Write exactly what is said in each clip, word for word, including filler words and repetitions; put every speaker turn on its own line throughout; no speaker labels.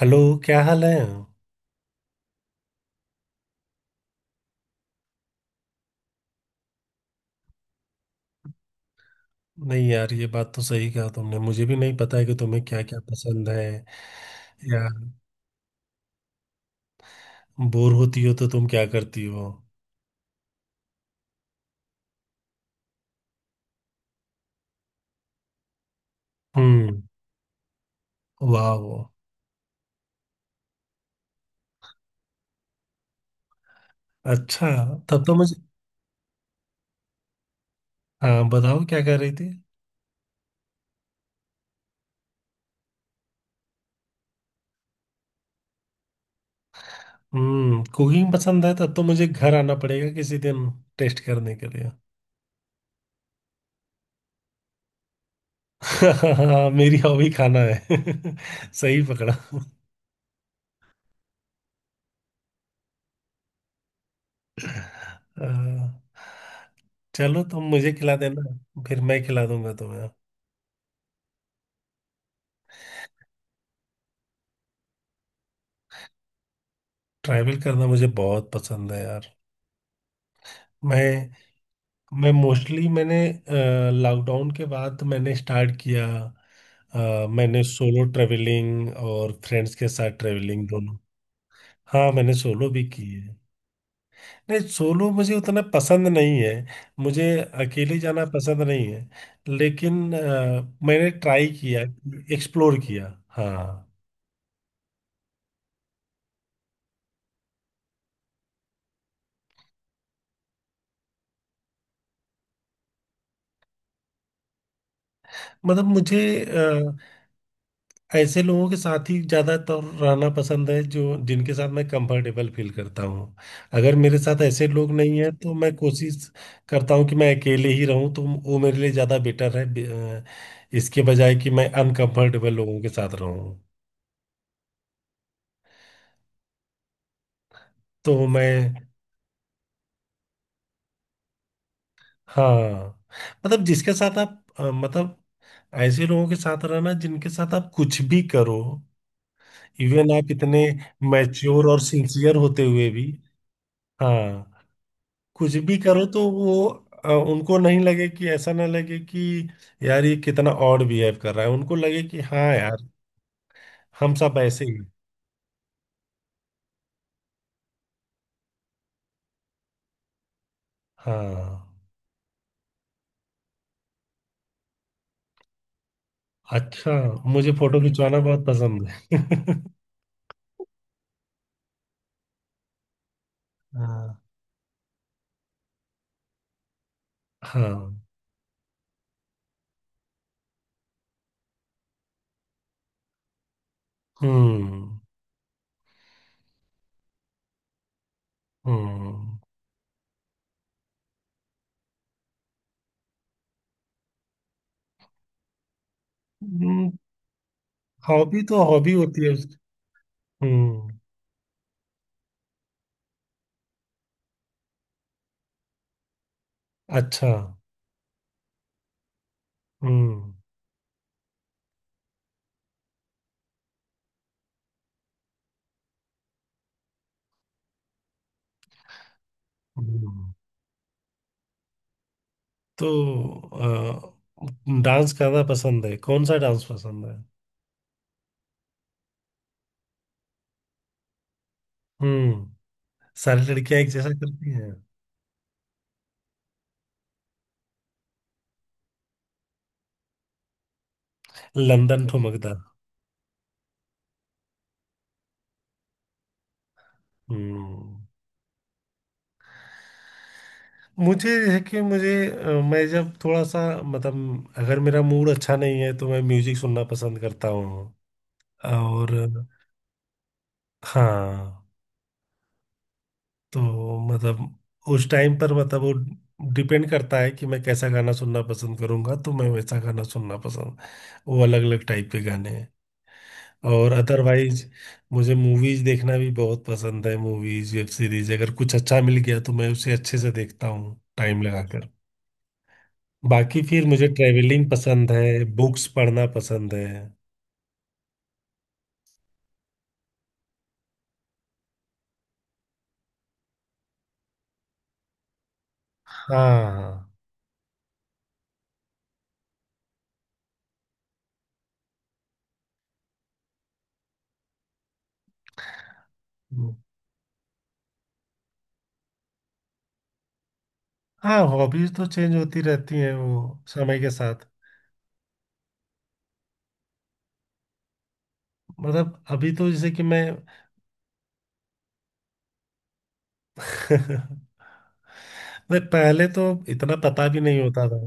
Hello. क्या हाल है? नहीं यार, ये बात तो सही कहा तुमने। मुझे भी नहीं पता है कि तुम्हें क्या क्या पसंद है। या बोर होती हो तो तुम क्या करती हो? हम्म। वाह। अच्छा। तब तो मुझे, हाँ बताओ क्या कर रही थी? हम्म, कुकिंग पसंद है तब तो मुझे घर आना पड़ेगा किसी दिन टेस्ट करने के लिए। हाँ, मेरी हॉबी खाना है। सही पकड़ा। हाँ, चलो तुम मुझे खिला देना, फिर मैं खिला दूंगा तुम्हें। ट्रैवल करना मुझे बहुत पसंद है यार। मैं मैं मोस्टली मैंने लॉकडाउन के बाद मैंने स्टार्ट किया। अ, मैंने सोलो ट्रेवलिंग और फ्रेंड्स के साथ ट्रेवलिंग दोनों। हाँ मैंने सोलो भी की है। नहीं सोलो मुझे उतना पसंद नहीं है। मुझे अकेले जाना पसंद नहीं है। लेकिन अ, मैंने ट्राई किया, एक्सप्लोर किया। हाँ मतलब मुझे ऐसे लोगों के साथ ही ज्यादातर रहना पसंद है जो जिनके साथ मैं कंफर्टेबल फील करता हूँ। अगर मेरे साथ ऐसे लोग नहीं है तो मैं कोशिश करता हूँ कि मैं अकेले ही रहूँ, तो वो मेरे लिए ज्यादा बेटर है बे- अ, इसके बजाय कि मैं अनकंफर्टेबल लोगों के साथ रहूँ। तो मैं, हाँ मतलब जिसके साथ आप अ, मतलब ऐसे लोगों के साथ रहना जिनके साथ आप कुछ भी करो, इवन आप इतने मैच्योर और सिंसियर होते हुए भी। हाँ कुछ भी करो तो वो अ, उनको नहीं लगे कि, ऐसा ना लगे कि यार ये कितना ऑड बिहेव कर रहा है, उनको लगे कि हाँ यार हम सब ऐसे ही हैं। हाँ। अच्छा, मुझे फोटो खिंचवाना बहुत पसंद है। हाँ। हाँ। हम्म। हम्म। हॉबी तो हॉबी होती है उसकी। हम्म। अच्छा। हम्म। हम्म। तो डांस करना पसंद है, कौन सा डांस पसंद है? हम्म, सारी लड़कियां एक जैसा करती हैं। लंदन ठुमकदा। हम्म। मुझे है कि मुझे अ, मैं जब थोड़ा सा मतलब अगर मेरा मूड अच्छा नहीं है तो मैं म्यूजिक सुनना पसंद करता हूँ, और हाँ तो मतलब उस टाइम पर मतलब वो डिपेंड करता है कि मैं कैसा गाना सुनना पसंद करूंगा तो मैं वैसा गाना सुनना पसंद। वो अलग अलग टाइप के गाने हैं। और अदरवाइज मुझे मूवीज देखना भी बहुत पसंद है। मूवीज, वेब सीरीज अगर कुछ अच्छा मिल गया तो मैं उसे अच्छे से देखता हूँ टाइम लगाकर। बाकी फिर मुझे ट्रेवलिंग पसंद है, बुक्स पढ़ना पसंद है। हाँ। हम्म। हाँ हॉबीज तो चेंज होती रहती हैं वो समय के साथ। मतलब अभी तो जैसे कि मैं, नहीं पहले तो इतना पता भी नहीं होता था।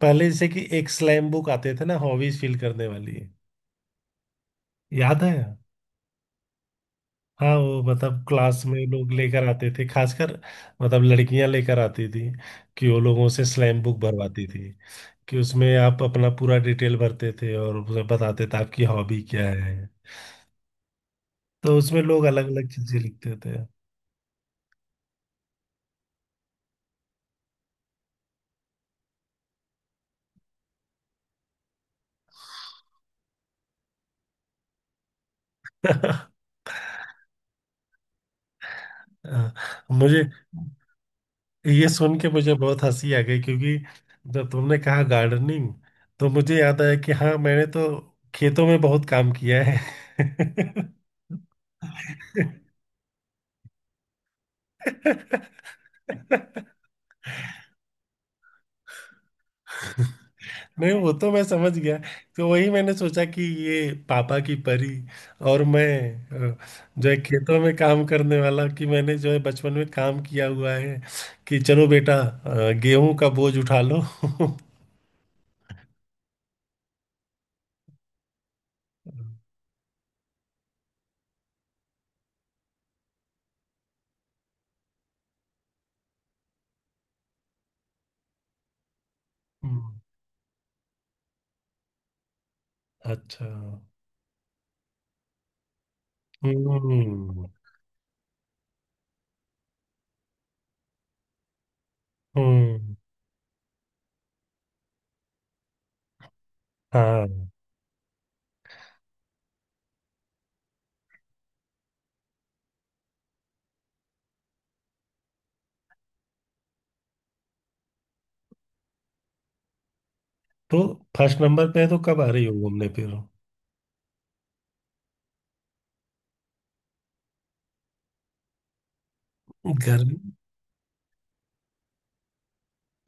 पहले जैसे कि एक स्लैम बुक आते थे ना, हॉबीज फील करने वाली, याद है? हाँ, वो मतलब क्लास में लोग लेकर आते थे खासकर, मतलब लड़कियां लेकर आती थी कि वो लोगों से स्लैम बुक भरवाती थी, कि उसमें आप अपना पूरा डिटेल भरते थे और उसे बताते थे आपकी हॉबी क्या है। तो उसमें लोग अलग अलग चीजें लिखते थे। मुझे ये सुन के मुझे बहुत हंसी आ गई क्योंकि जब तुमने कहा गार्डनिंग तो मुझे याद आया कि हाँ मैंने तो खेतों में बहुत काम किया है। नहीं वो तो मैं समझ गया। तो वही मैंने सोचा कि ये पापा की परी, और मैं अ, जो है खेतों में काम करने वाला, कि मैंने जो है बचपन में काम किया हुआ है, कि चलो बेटा अ, गेहूं का बोझ उठा लो। हम्म। अच्छा। हम्म। हम्म। हाँ। तो फर्स्ट नंबर पे है तो कब आ रही हो घूमने फिर? घर,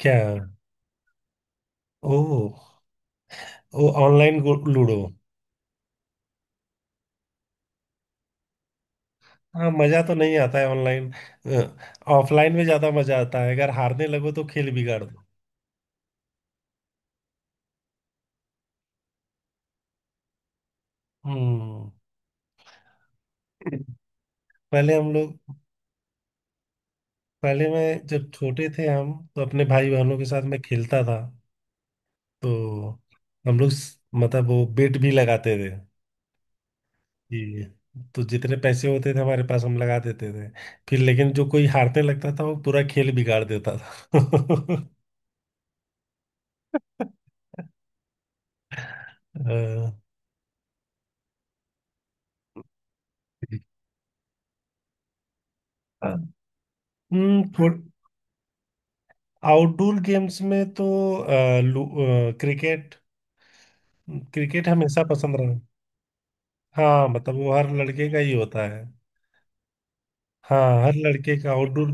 क्या? ओ, ओ ऑनलाइन लूडो। हाँ मजा तो नहीं आता है ऑनलाइन, ऑफलाइन में ज्यादा मजा आता है, अगर हारने लगो तो खेल बिगाड़ दो। हम्म। पहले हम लोग, पहले मैं जब छोटे थे हम तो अपने भाई बहनों के साथ मैं खेलता था। तो हम लोग स- मतलब वो बेट भी लगाते थे। जी, तो जितने पैसे होते थे हमारे पास हम लगा देते थे। फिर लेकिन जो कोई हारने लगता था वो पूरा खेल बिगाड़ देता था। अ, हम्म। आउटडोर गेम्स में तो अ, लू- अ, क्रिकेट, क्रिकेट हमेशा पसंद रहा। हाँ मतलब वो हर लड़के का ही होता है। हाँ हर लड़के का आउटडोर।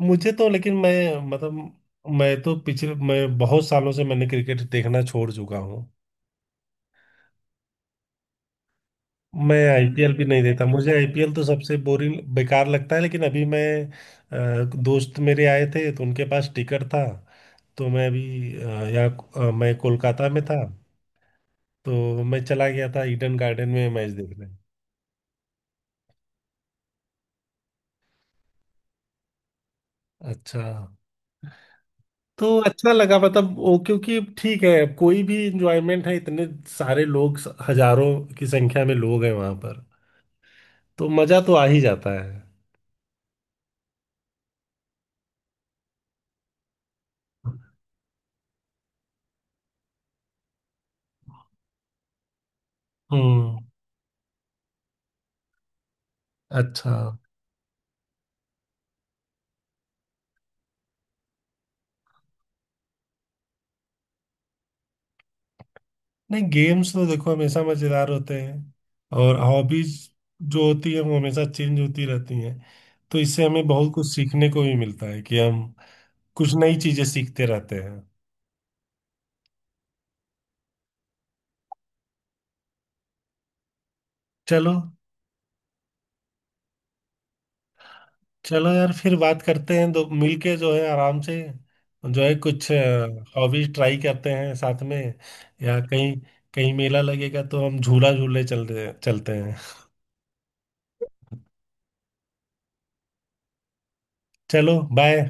मुझे तो लेकिन मैं, मतलब मैं तो पिछले, मैं बहुत सालों से मैंने क्रिकेट देखना छोड़ चुका हूँ। मैं आई पी एल भी नहीं देखता, मुझे आई पी एल तो सबसे बोरिंग बेकार लगता है। लेकिन अभी मैं अ, दोस्त मेरे आए थे तो उनके पास टिकट था, तो मैं अभी अ, यहाँ अ, मैं कोलकाता में था तो मैं चला गया था ईडन गार्डन में मैच देखने। अच्छा। तो अच्छा लगा मतलब वो क्योंकि ठीक है, कोई भी इंजॉयमेंट है, इतने सारे लोग, हजारों की संख्या में लोग हैं वहां पर तो मजा तो आ ही जाता है। हम्म। अच्छा। नहीं गेम्स तो देखो हमेशा मजेदार होते हैं। और हॉबीज जो होती है वो हमेशा चेंज होती रहती हैं, तो इससे हमें बहुत कुछ सीखने को भी मिलता है कि हम कुछ नई चीजें सीखते रहते हैं। चलो, चलो यार फिर बात करते हैं तो मिलके जो है आराम से, जो है कुछ हॉबीज ट्राई करते हैं साथ में, या कहीं, कहीं मेला लगेगा तो हम झूला झूलने चल चलते हैं। चलो बाय।